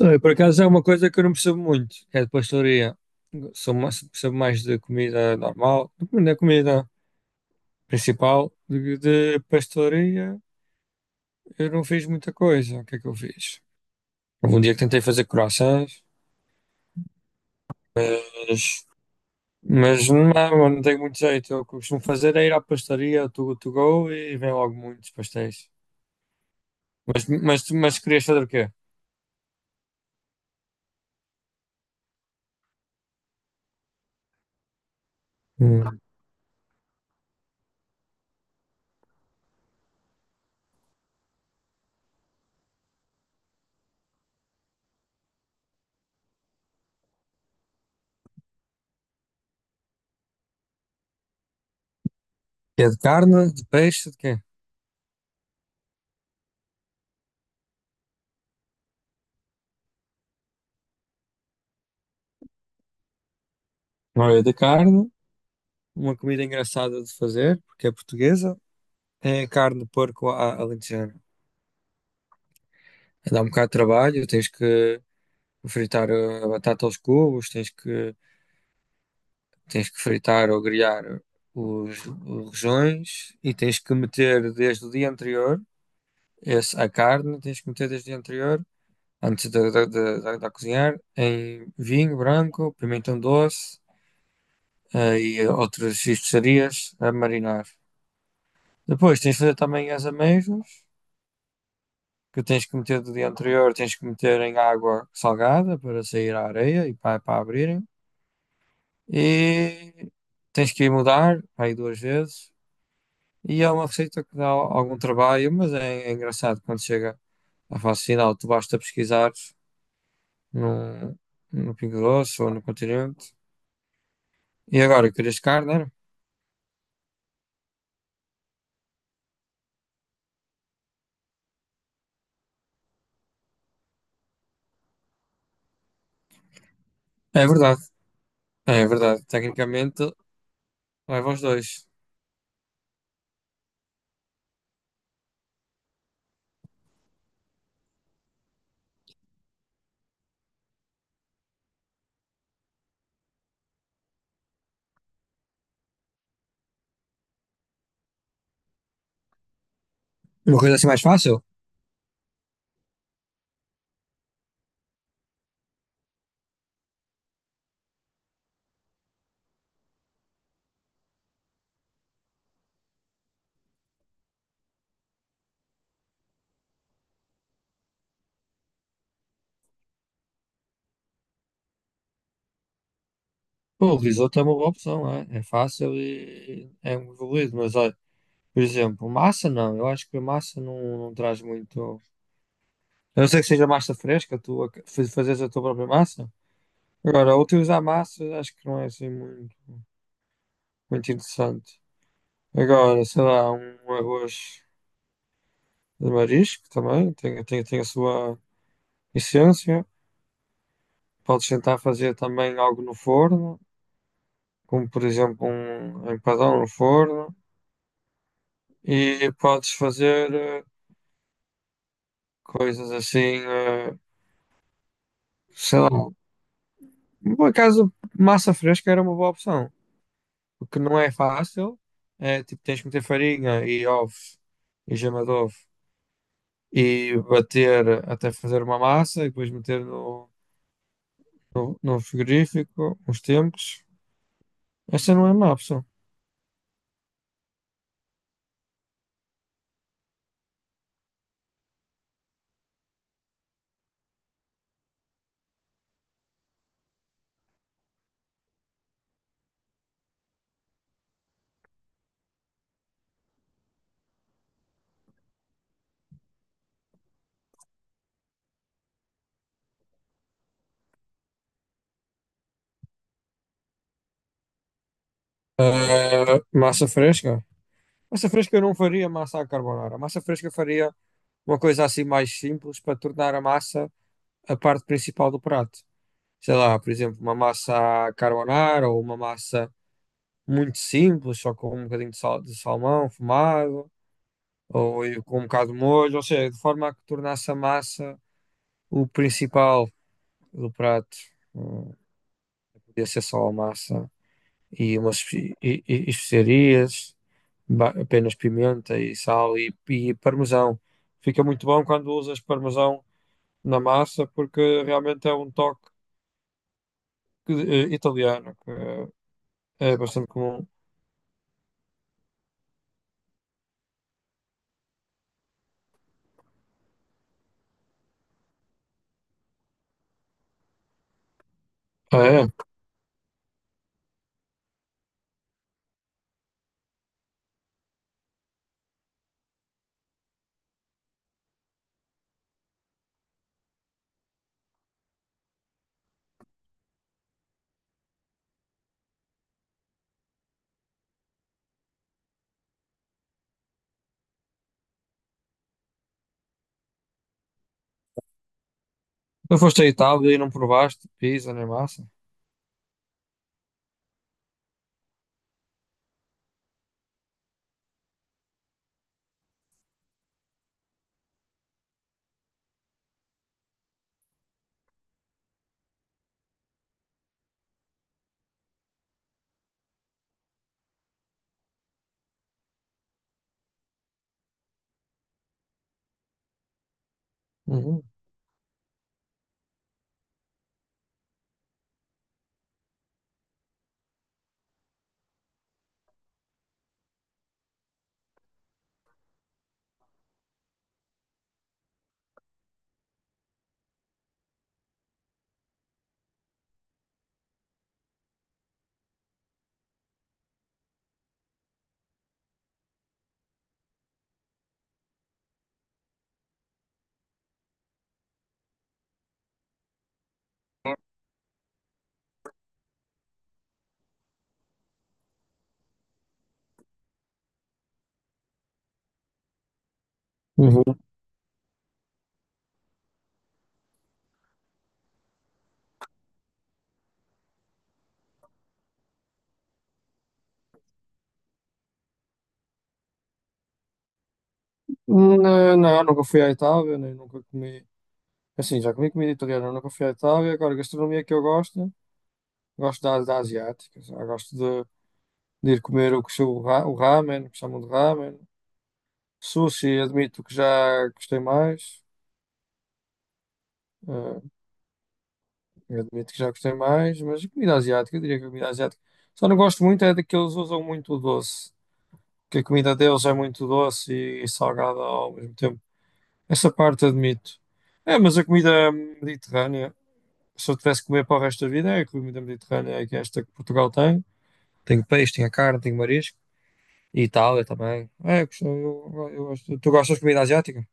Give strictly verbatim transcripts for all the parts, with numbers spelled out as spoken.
Olha, por acaso é uma coisa que eu não percebo muito, que é de pastoria. Sou mais, percebo mais de comida normal, da comida principal, de, de pastoria. Eu não fiz muita coisa. O que é que eu fiz? Houve um dia que tentei fazer croissants, mas, mas não, não tenho muito jeito. O que eu costumo fazer é ir à pastaria, to, to go, e vem logo muitos pastéis. Mas, mas, mas querias fazer o quê? Hum. É de carne, de peixe, de quê? Olha, de carne, uma comida engraçada de fazer, porque é portuguesa. É carne de porco à alentejana. Dá um bocado de trabalho, tens que fritar eh, a batata aos cubos, tens que, tens que fritar ou grelhar os, os rojões e tens que meter desde o dia anterior esse, a carne, tens que meter desde o dia anterior, antes de, de, de, de- de cozinhar, em vinho branco, pimentão doce eh, e outras especiarias a marinar. Depois tens de fazer também as amêijoas, que tens que meter do dia anterior, tens que meter em água salgada para sair a areia e para, para abrirem. E tens que ir mudar aí duas vezes. E é uma receita que dá algum trabalho, mas é, é engraçado quando chega à fase final. Tu basta pesquisar no, no Pingo Doce ou no Continente. E agora, querias carne, era? É verdade, é verdade. Tecnicamente, leva os dois. Uma coisa assim mais fácil? Pô, o risoto é uma boa opção, é, é fácil e é um evoluído, mas olha, por exemplo, massa não, eu acho que a massa não, não traz muito. A não ser que seja massa fresca, tu a- fa- fazes a tua própria massa. Agora, utilizar massa acho que não é assim muito, muito interessante. Agora, sei lá, um arroz de marisco também tem, tem, tem a sua essência. Podes tentar fazer também algo no forno, como por exemplo um empadão no forno, e podes fazer eh, coisas assim, eh, sei lá. Por acaso, massa fresca era uma boa opção. O que não é fácil é tipo, tens que meter farinha e ovos e gema de ovo e bater até fazer uma massa e depois meter no, no, no frigorífico uns tempos. Essa não é má opção. Ah, massa fresca. Massa fresca eu não faria massa à carbonara. Massa fresca eu faria uma coisa assim mais simples para tornar a massa a parte principal do prato. Sei lá, por exemplo, uma massa à carbonara ou uma massa muito simples, só com um bocadinho de sal, de salmão fumado, ou e com um bocado de molho, ou seja, de forma a que tornasse a massa o principal do prato. Hum, Podia ser só a massa e umas espe- e- e- especiarias, ba- apenas pimenta e sal e, e parmesão. Fica muito bom quando usas parmesão na massa, porque realmente é um toque que- eh, italiano, que eh, é bastante comum. Ah, é? Tu foste à Itália e não provaste pizza nem massa? Uhum. Uhum. Não, não, nunca fui à Itália, nem nunca comi. Assim, já comi comida italiana na Confeitalia. Agora, gastronomia que eu gosto, gosto da, da asiática. Já gosto de, de ir comer o que se- o, ra- o ramen, que chamam de ramen. Sushi, admito que já gostei mais. eh, admito que já gostei mais, mas a comida asiática, eu diria que a comida asiática. Só não gosto muito é de que eles usam muito o doce, que a comida deles é muito doce e, e salgada ao mesmo tempo. Essa parte admito. É, mas a comida mediterrânea, se eu tivesse que comer para o resto da vida, é a comida mediterrânea, é que é esta que Portugal tem. Tenho peixe, tenho a carne, tenho marisco. E Itália também. É, eu, gosto- eu, eu gosto. Tu gostas de comida asiática?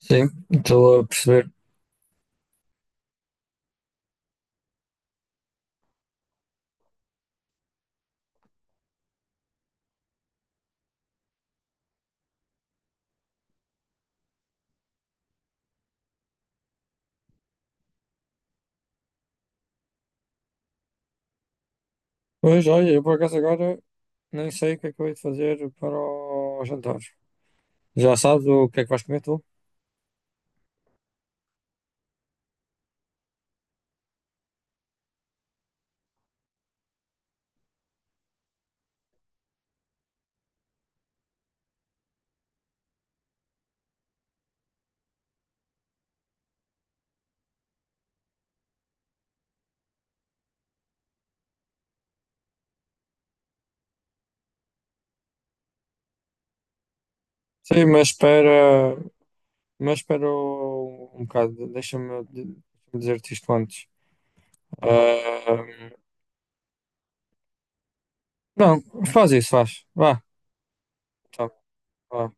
Sim, estou a perceber. Pois, olha, eu por acaso agora nem sei o que é que eu hei de fazer para o jantar. Já sabes o que é que vais comer tu? Sim, mas espera. Mas espera um um bocado, deixa-me deixa-me dizer-te isto antes. Ah, não, faz isso, faz. Vá, tá, vá.